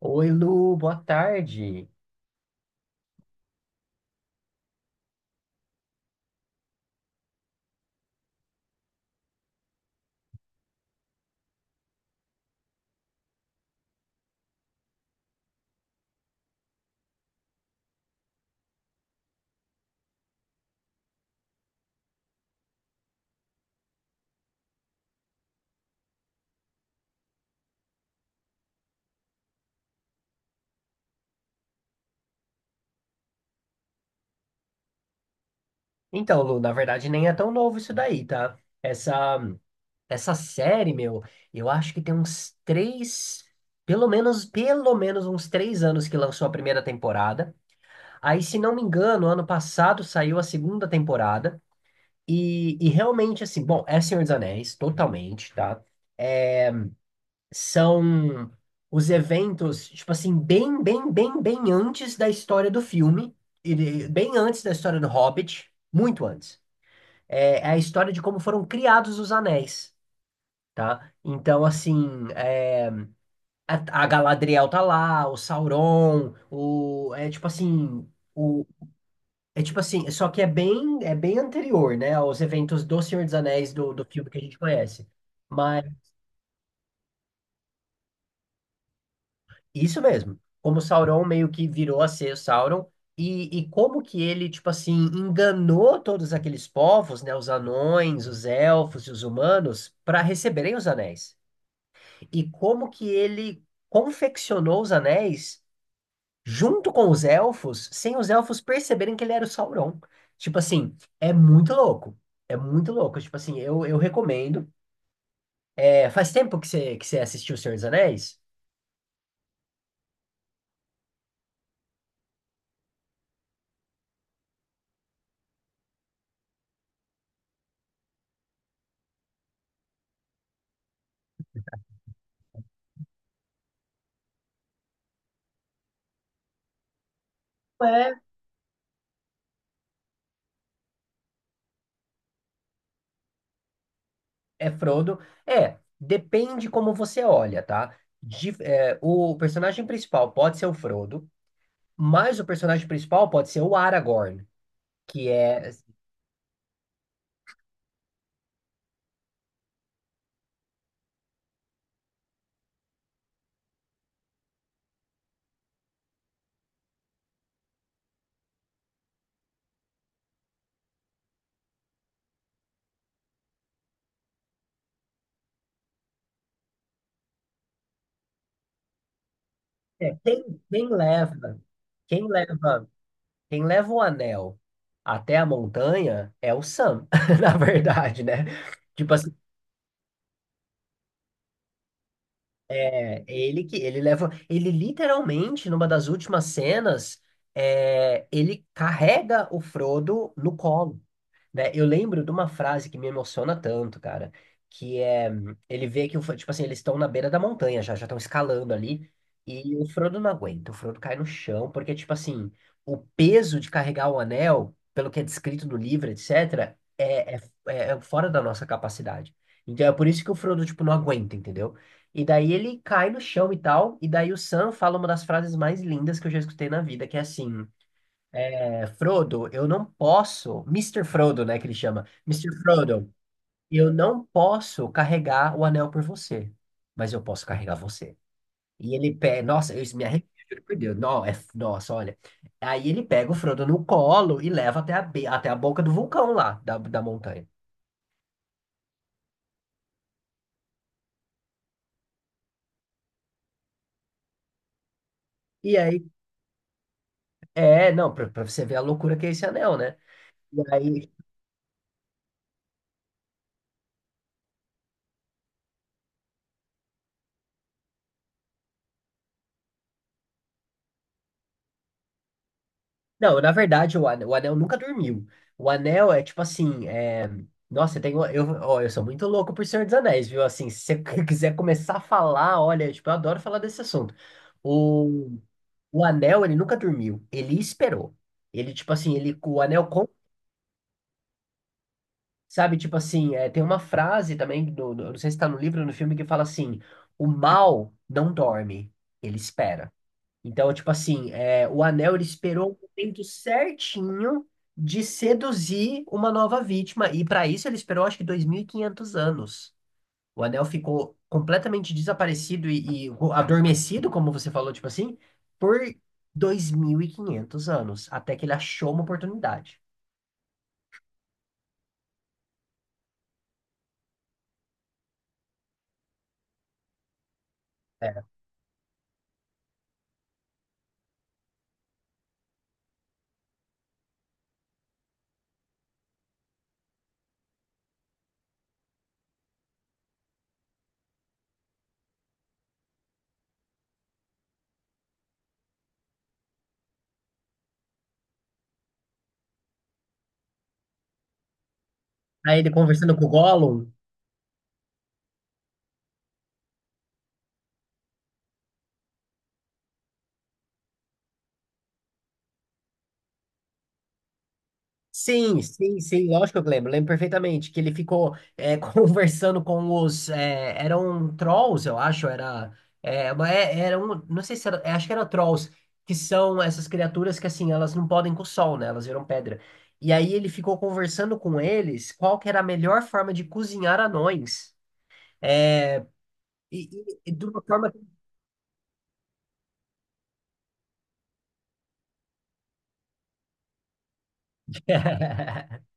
Oi, Lu, boa tarde. Então, Lu, na verdade nem é tão novo isso daí, tá? Essa, essa série, meu, eu acho que tem uns três, pelo menos uns três anos que lançou a primeira temporada. Aí, se não me engano, ano passado saiu a segunda temporada. E realmente, assim, bom, é Senhor dos Anéis, totalmente, tá? São os eventos, tipo assim, bem antes da história do filme, e bem antes da história do Hobbit, muito antes. É a história de como foram criados os anéis, tá? Então, assim, é, a Galadriel tá lá, o Sauron, o, é tipo assim, o, é tipo assim, só que é bem anterior, né, aos eventos do Senhor dos Anéis, do filme que a gente conhece. Mas, isso mesmo, como o Sauron meio que virou a ser o Sauron, e como que ele, tipo assim, enganou todos aqueles povos, né, os anões, os elfos e os humanos, para receberem os anéis. E como que ele confeccionou os anéis junto com os elfos, sem os elfos perceberem que ele era o Sauron. Tipo assim, é muito louco. É muito louco. Tipo assim, eu recomendo. É, faz tempo que você assistiu O Senhor dos Anéis? É, é Frodo. É, depende como você olha, tá? O personagem principal pode ser o Frodo, mas o personagem principal pode ser o Aragorn, que é, é quem leva. Quem leva o anel até a montanha é o Sam, na verdade, né? Tipo assim, é, ele que ele leva, ele literalmente numa das últimas cenas, é, ele carrega o Frodo no colo, né? Eu lembro de uma frase que me emociona tanto, cara, que é: ele vê que o, tipo assim, eles estão na beira da montanha já, já estão escalando ali e o Frodo não aguenta, o Frodo cai no chão porque tipo assim, o peso de carregar o anel, pelo que é descrito no livro, etc, é fora da nossa capacidade. Então é por isso que o Frodo tipo não aguenta, entendeu? E daí ele cai no chão e tal, e daí o Sam fala uma das frases mais lindas que eu já escutei na vida, que é assim: é, Frodo, eu não posso, Mister Frodo, né, que ele chama, Mister Frodo, eu não posso carregar o anel por você, mas eu posso carregar você. E ele pega, nossa, eu isso me arrepio, juro por Deus, não, é, nossa, olha. Aí ele pega o Frodo no colo e leva até a, até a boca do vulcão lá, da montanha. E aí, é, não, pra você ver a loucura que é esse anel, né? E aí não, na verdade, o anel nunca dormiu. O anel é tipo assim, é... Nossa, eu tenho. Eu, ó, eu sou muito louco por Senhor dos Anéis, viu? Assim, se você quiser começar a falar, olha, tipo, eu adoro falar desse assunto. O, o anel, ele nunca dormiu. Ele esperou. Ele, tipo assim, ele, o anel, sabe? Tipo assim, é, tem uma frase também, do, não sei se tá no livro ou no filme, que fala assim: o mal não dorme, ele espera. Então, tipo assim, é, o anel ele esperou o momento certinho de seduzir uma nova vítima, e para isso ele esperou acho que 2.500 anos. O anel ficou completamente desaparecido e adormecido, como você falou, tipo assim, por 2.500 anos, até que ele achou uma oportunidade. É, aí ele conversando com o Gollum. Sim, lógico que eu lembro, lembro perfeitamente que ele ficou é, conversando com os, é, eram trolls, eu acho, era, é, não sei se era, é, acho que era trolls, que são essas criaturas que assim, elas não podem com o sol, né, elas viram pedra. E aí ele ficou conversando com eles qual que era a melhor forma de cozinhar anões, e de uma forma...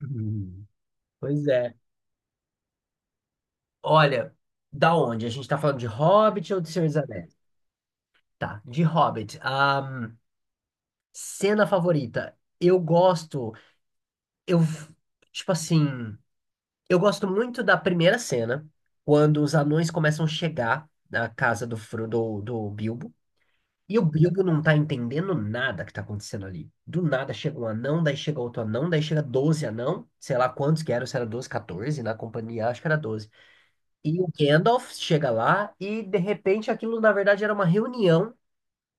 Hum. Pois é. Olha, da onde? A gente tá falando de Hobbit ou de Senhor dos Anéis? Tá, de Hobbit. Cena favorita. Eu gosto. Eu. Tipo assim. Eu gosto muito da primeira cena, quando os anões começam a chegar na casa do, do Bilbo. E o Bilbo não tá entendendo nada que tá acontecendo ali. Do nada chega um anão, daí chega outro anão, daí chega 12 anão, sei lá quantos que eram, se era 12, 14, na companhia acho que era doze. E o Gandalf chega lá e de repente aquilo na verdade era uma reunião,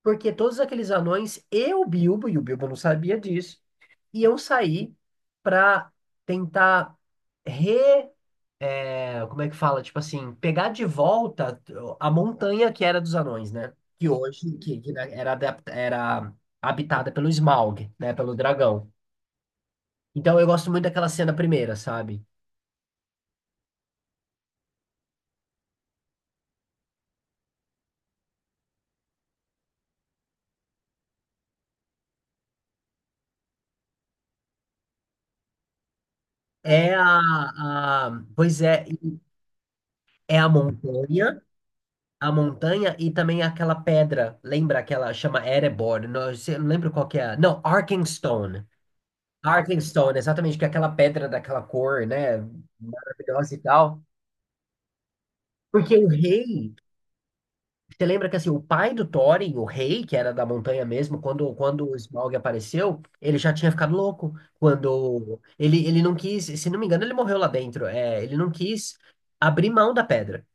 porque todos aqueles anões e o Bilbo não sabia disso. E eu saí para tentar re. Como é que fala? Tipo assim, pegar de volta a montanha que era dos anões, né? Que hoje que né, era, era habitada pelo Smaug, né? Pelo dragão. Então eu gosto muito daquela cena primeira, sabe? É pois é, é a montanha e também aquela pedra, lembra aquela chama Erebor, não, eu não lembro qual que é. Não, Arkenstone. Arkenstone, exatamente, que é aquela pedra daquela cor, né? Maravilhosa e tal. Porque o rei, você lembra que assim, o pai do Thorin, o rei, que era da montanha mesmo, quando o Smaug apareceu, ele já tinha ficado louco. Quando ele não quis, se não me engano, ele morreu lá dentro. É, ele não quis abrir mão da pedra.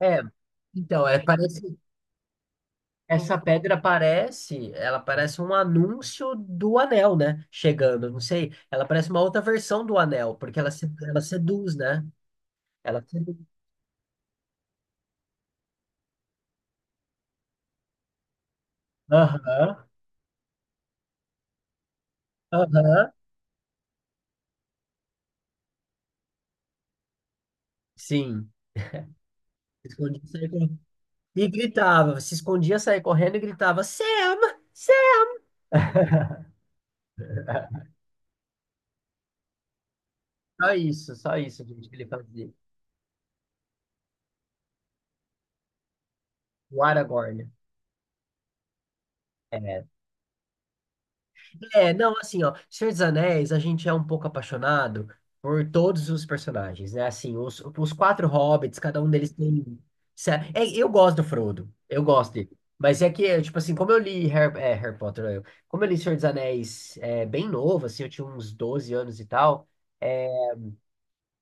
É, então, é, parece, essa pedra parece, ela parece um anúncio do anel, né? Chegando, não sei. Ela parece uma outra versão do anel, porque ela, ela seduz, né? Ela sempre. Aham, aham, sim. Se escondia, saía correndo. E gritava, se escondia, saía correndo e gritava, Selma, Selma. Só isso, gente, que ele fazia. O Aragorn. É. É, não, assim, ó, Senhor dos Anéis, a gente é um pouco apaixonado por todos os personagens, né? Assim, os quatro hobbits, cada um deles tem. É, eu gosto do Frodo, eu gosto dele. Mas é que, é, tipo assim, como eu li Harry, é, Harry Potter, eu, como eu li Senhor dos Anéis é, bem novo, assim, eu tinha uns 12 anos e tal. É,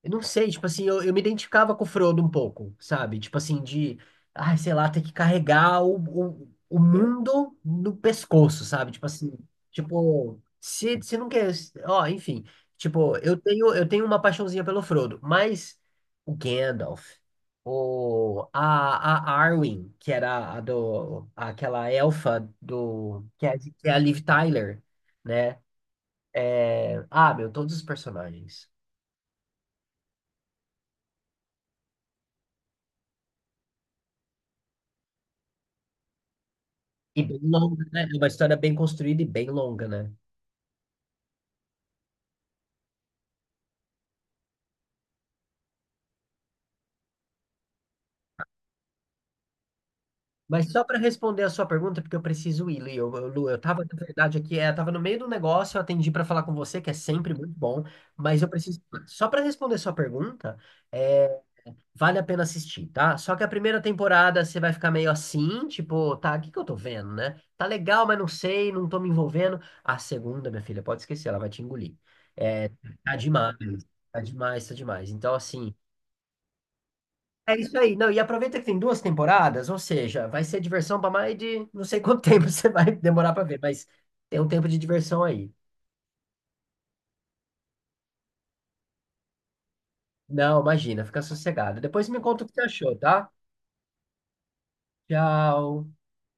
eu não sei, tipo assim, eu me identificava com o Frodo um pouco, sabe? Tipo assim, de, ai, sei lá, ter que carregar o, o mundo no pescoço, sabe? Tipo assim, tipo, se não quer, ó, enfim, tipo, eu tenho uma paixãozinha pelo Frodo, mas o Gandalf, o, a Arwen, que era a do, aquela elfa do, que é a Liv Tyler, né? É, ah, meu, todos os personagens. E bem longa, né? É uma história bem construída e bem longa, né? Mas só para responder a sua pergunta, porque eu preciso ir, Lu, eu tava, na verdade, aqui, é, eu tava no meio do negócio, eu atendi para falar com você, que é sempre muito bom, mas eu preciso, só para responder a sua pergunta, é, vale a pena assistir, tá? Só que a primeira temporada você vai ficar meio assim, tipo, tá, o que que eu tô vendo, né? Tá legal, mas não sei, não tô me envolvendo. A segunda, minha filha, pode esquecer, ela vai te engolir. É, tá demais, tá demais. Então, assim, é isso aí. Não, e aproveita que tem duas temporadas, ou seja, vai ser diversão para mais de não sei quanto tempo você vai demorar para ver, mas tem um tempo de diversão aí. Não, imagina, fica sossegado. Depois me conta o que você achou, tá? Tchau.